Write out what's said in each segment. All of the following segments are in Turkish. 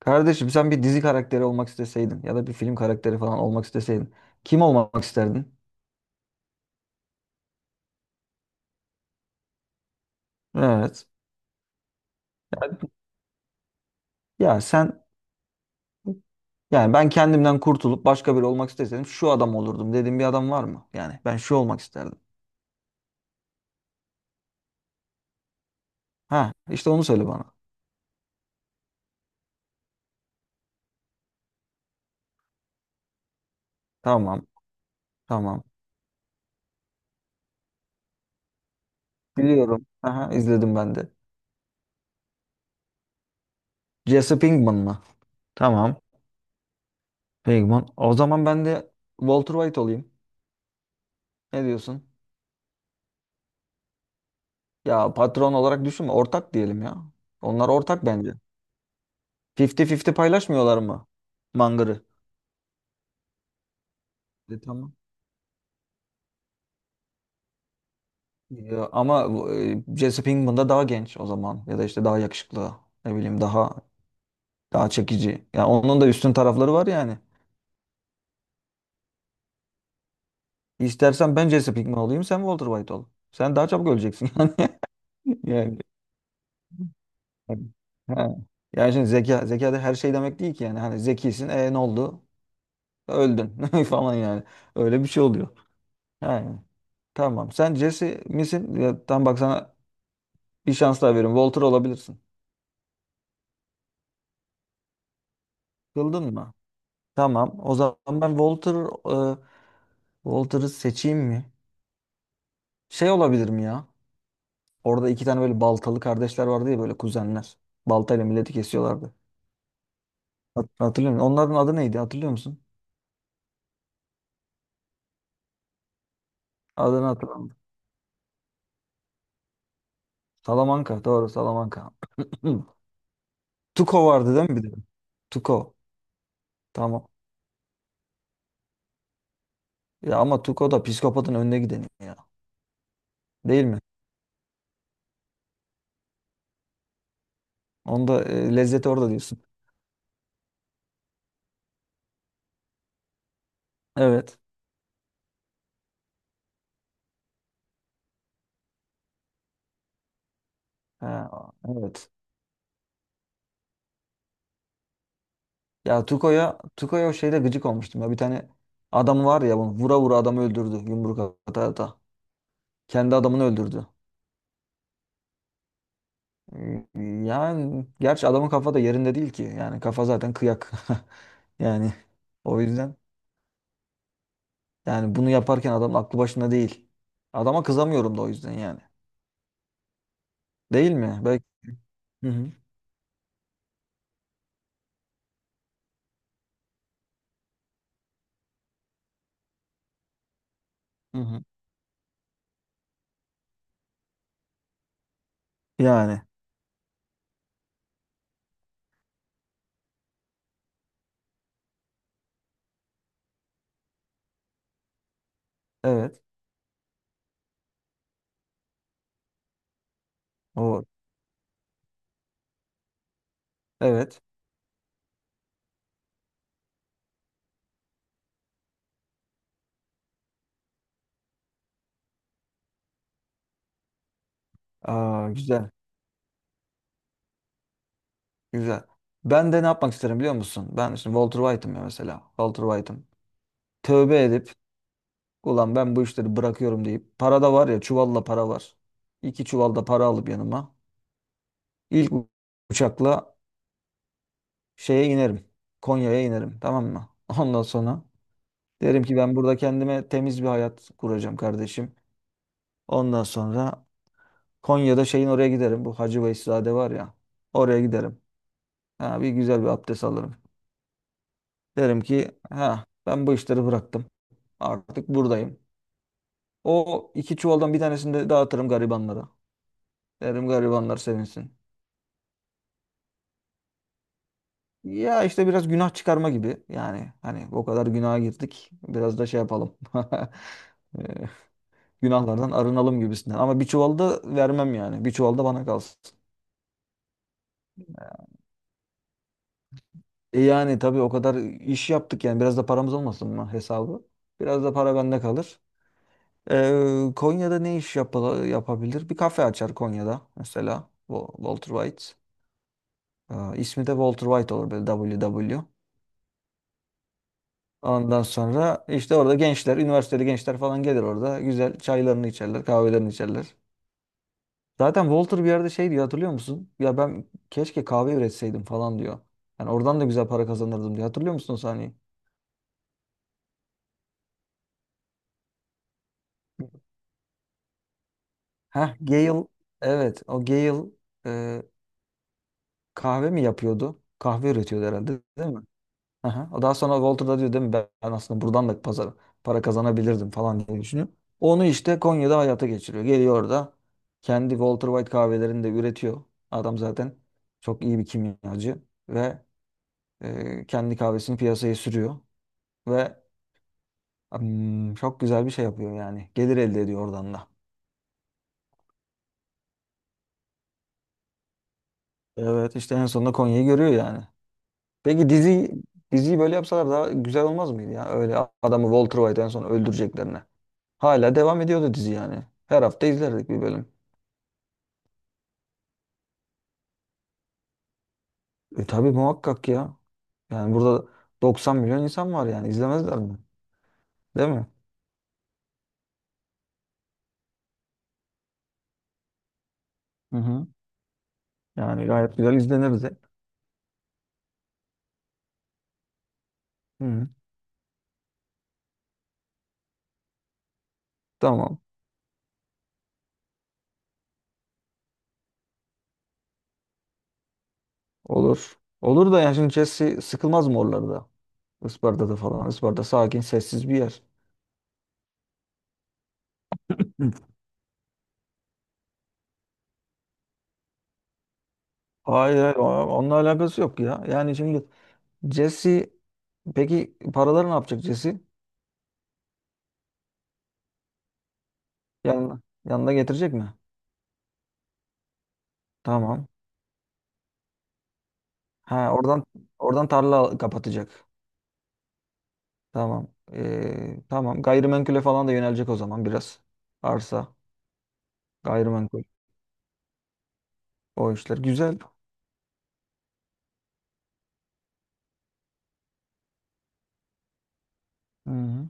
Kardeşim sen bir dizi karakteri olmak isteseydin ya da bir film karakteri falan olmak isteseydin kim olmak isterdin? Evet. Ya sen yani ben kendimden kurtulup başka biri olmak isteseydim şu adam olurdum dediğin bir adam var mı? Yani ben şu olmak isterdim. Ha işte onu söyle bana. Tamam. Tamam. Biliyorum. Aha izledim ben de. Jesse Pinkman mı? Tamam. Pinkman. O zaman ben de Walter White olayım. Ne diyorsun? Ya patron olarak düşünme. Ortak diyelim ya. Onlar ortak bence. 50-50 paylaşmıyorlar mı? Mangır'ı. E, tamam. Ya, ama bu, Jesse Pinkman da daha genç o zaman. Ya da işte daha yakışıklı. Ne bileyim daha çekici. Yani onun da üstün tarafları var yani. İstersen ben Jesse Pinkman olayım sen Walter White ol. Sen daha çabuk öleceksin yani. Yani. Ha. Yani şimdi zeka da her şey demek değil ki yani. Hani zekisin ne oldu? Öldün falan yani. Öyle bir şey oluyor. Yani. Tamam. Sen Jesse misin? Ya, tam bak sana bir şans daha veriyorum. Walter olabilirsin. Kıldın mı? Tamam. O zaman ben e, Walter'ı seçeyim mi? Şey olabilir mi ya? Orada iki tane böyle baltalı kardeşler vardı ya böyle kuzenler. Baltayla milleti kesiyorlardı. Hatırlıyor musun? Onların adı neydi? Hatırlıyor musun? Adını hatırlamıyorum. Salamanca. Doğru Salamanca. Tuko vardı değil mi bir de? Tuko. Tamam. Ya ama Tuko da psikopatın önüne gideni ya. Değil mi? Onda lezzeti orada diyorsun. Evet. Ha, evet. Ya Tuko'ya o şeyde gıcık olmuştum ya. Bir tane adam var ya bunu vura vura adamı öldürdü yumruk ata ata. Kendi adamını öldürdü. Yani gerçi adamın kafa da yerinde değil ki. Yani kafa zaten kıyak. Yani o yüzden yani bunu yaparken adam aklı başında değil. Adama kızamıyorum da o yüzden yani. Değil mi? Belki. Hı hı. Hı hı. Yani evet. O evet. Aa, güzel. Güzel. Ben de ne yapmak isterim biliyor musun? Ben işte Walter White'ım ya mesela. Walter White'ım. Tövbe edip ulan ben bu işleri bırakıyorum deyip para da var ya çuvalla para var. İki çuvalda para alıp yanıma ilk uçakla şeye inerim. Konya'ya inerim tamam mı? Ondan sonra derim ki ben burada kendime temiz bir hayat kuracağım kardeşim. Ondan sonra Konya'da şeyin oraya giderim. Bu Hacı Veyselzade var ya oraya giderim. Ha, bir güzel bir abdest alırım. Derim ki ha ben bu işleri bıraktım. Artık buradayım. O iki çuvaldan bir tanesini de dağıtırım garibanlara. Derim garibanlar sevinsin. Ya işte biraz günah çıkarma gibi. Yani hani o kadar günaha girdik. Biraz da şey yapalım. Ee, günahlardan arınalım gibisinden. Ama bir çuval da vermem yani. Bir çuval da bana kalsın. E yani tabii o kadar iş yaptık yani. Biraz da paramız olmasın mı hesabı? Biraz da para bende kalır. Konya'da ne iş yapabilir? Bir kafe açar Konya'da mesela. Walter White. İsmi de Walter White olur böyle WW. Ondan sonra işte orada gençler, üniversiteli gençler falan gelir orada. Güzel çaylarını içerler, kahvelerini içerler. Zaten Walter bir yerde şey diyor hatırlıyor musun? Ya ben keşke kahve üretseydim falan diyor. Yani oradan da güzel para kazanırdım diyor. Hatırlıyor musun o sahneyi? Heh, Gale. Evet, o Gale e, kahve mi yapıyordu? Kahve üretiyordu herhalde değil mi? Aha. O daha sonra Walter da diyor değil mi ben aslında buradan da para kazanabilirdim falan diye düşünüyor. Onu işte Konya'da hayata geçiriyor. Geliyor orada kendi Walter White kahvelerini de üretiyor. Adam zaten çok iyi bir kimyacı ve kendi kahvesini piyasaya sürüyor ve çok güzel bir şey yapıyor yani. Gelir elde ediyor oradan da. Evet işte en sonunda Konya'yı görüyor yani. Peki diziyi böyle yapsalar daha güzel olmaz mıydı ya? Öyle adamı Walter White en son öldüreceklerine. Hala devam ediyordu dizi yani. Her hafta izlerdik bir bölüm. E tabii muhakkak ya. Yani burada 90 milyon insan var yani izlemezler mi? Değil mi? Hı hı. Yani gayet güzel izlenirdi. Hı. Hı. Tamam. Olur. Olur da yani şimdi Chelsea sıkılmaz mı oralarda? Isparta'da falan. Isparta sakin, sessiz bir yer. Hı. Hayır, hayır, onunla alakası yok ya. Yani şimdi Jesse peki paraları ne yapacak Jesse? Yanına getirecek mi? Tamam. Ha, oradan tarla kapatacak. Tamam. Tamam. Gayrimenkule falan da yönelecek o zaman biraz. Arsa, gayrimenkul, o işler. Güzel. Hı hı.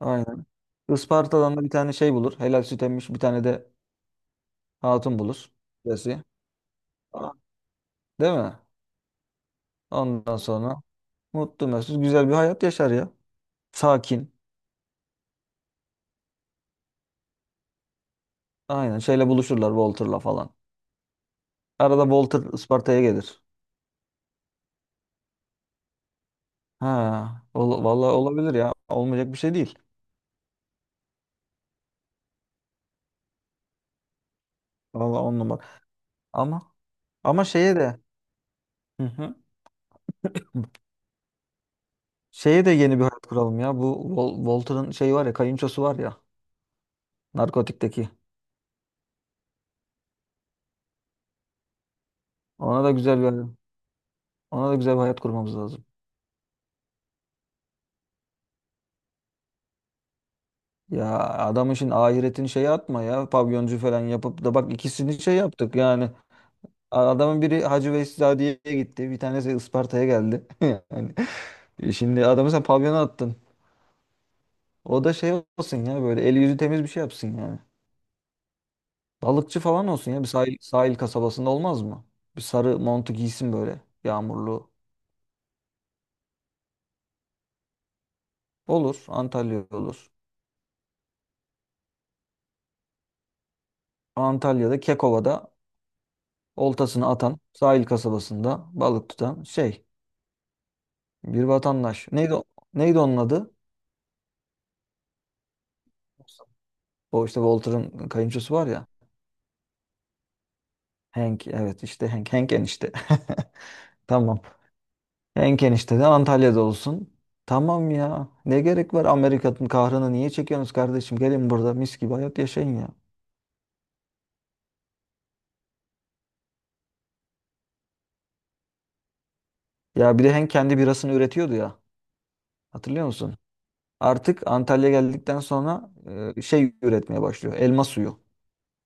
Aynen. Isparta'dan da bir tane şey bulur. Helal süt emmiş bir tane de hatun bulur. Birisi. Aa, değil mi? Ondan sonra mutlu mesut güzel bir hayat yaşar ya. Sakin. Aynen. Şeyle buluşurlar Walter'la falan. Arada Walter Isparta'ya gelir. Ha, vallahi olabilir ya. Olmayacak bir şey değil. Vallahi on numara. Ama ama şeye de. Hı hı. Şeye de yeni bir hayat kuralım ya. Bu Walter'ın şeyi var ya, kayınçosu var ya, narkotikteki. Ona da güzel bir ona da güzel bir hayat kurmamız lazım. Ya adamın şimdi ahiretini şeye atma ya. Pavyoncu falan yapıp da bak ikisini şey yaptık yani. Adamın biri Hacı Veyseladiye'ye gitti. Bir tanesi Isparta'ya geldi. Yani şimdi adamı sen pavyona attın. O da şey olsun ya böyle eli yüzü temiz bir şey yapsın yani. Balıkçı falan olsun ya bir sahil kasabasında olmaz mı? Bir sarı montu giysin böyle. Yağmurlu. Olur. Antalya olur. Antalya'da Kekova'da oltasını atan sahil kasabasında balık tutan şey bir vatandaş. Neydi onun adı? O işte Walter'ın kayınçosu var ya. Hank evet işte Hank. Hank enişte. Tamam. Hank enişte de Antalya'da olsun. Tamam ya. Ne gerek var Amerika'nın kahrını niye çekiyorsunuz kardeşim? Gelin burada mis gibi hayat yaşayın ya. Ya bir de Hank kendi birasını üretiyordu ya. Hatırlıyor musun? Artık Antalya'ya geldikten sonra şey üretmeye başlıyor. Elma suyu.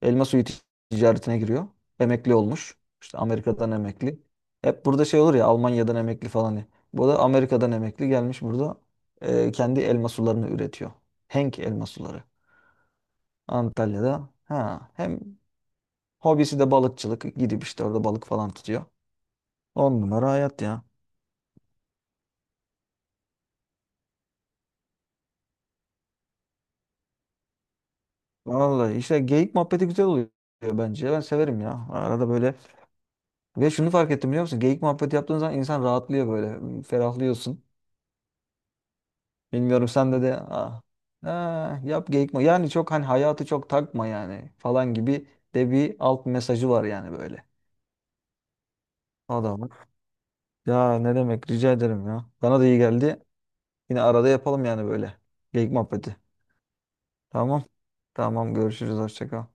Elma suyu ticaretine giriyor. Emekli olmuş. İşte Amerika'dan emekli. Hep burada şey olur ya Almanya'dan emekli falan ya. Bu da Amerika'dan emekli gelmiş burada kendi elma sularını üretiyor. Henk elma suları. Antalya'da. Ha, hem hobisi de balıkçılık. Gidip işte orada balık falan tutuyor. On numara hayat ya. Vallahi işte geyik muhabbeti güzel oluyor bence. Ben severim ya. Arada böyle Ve şunu fark ettim biliyor musun? Geyik muhabbeti yaptığın zaman insan rahatlıyor böyle. Ferahlıyorsun. Bilmiyorum sende de ah, ah, yap geyik muhabbeti. Yani çok hani hayatı çok takma yani falan gibi de bir alt mesajı var yani böyle. Adamın. Ya ne demek rica ederim ya. Bana da iyi geldi. Yine arada yapalım yani böyle. Geyik muhabbeti. Tamam. Tamam görüşürüz. Hoşça kal.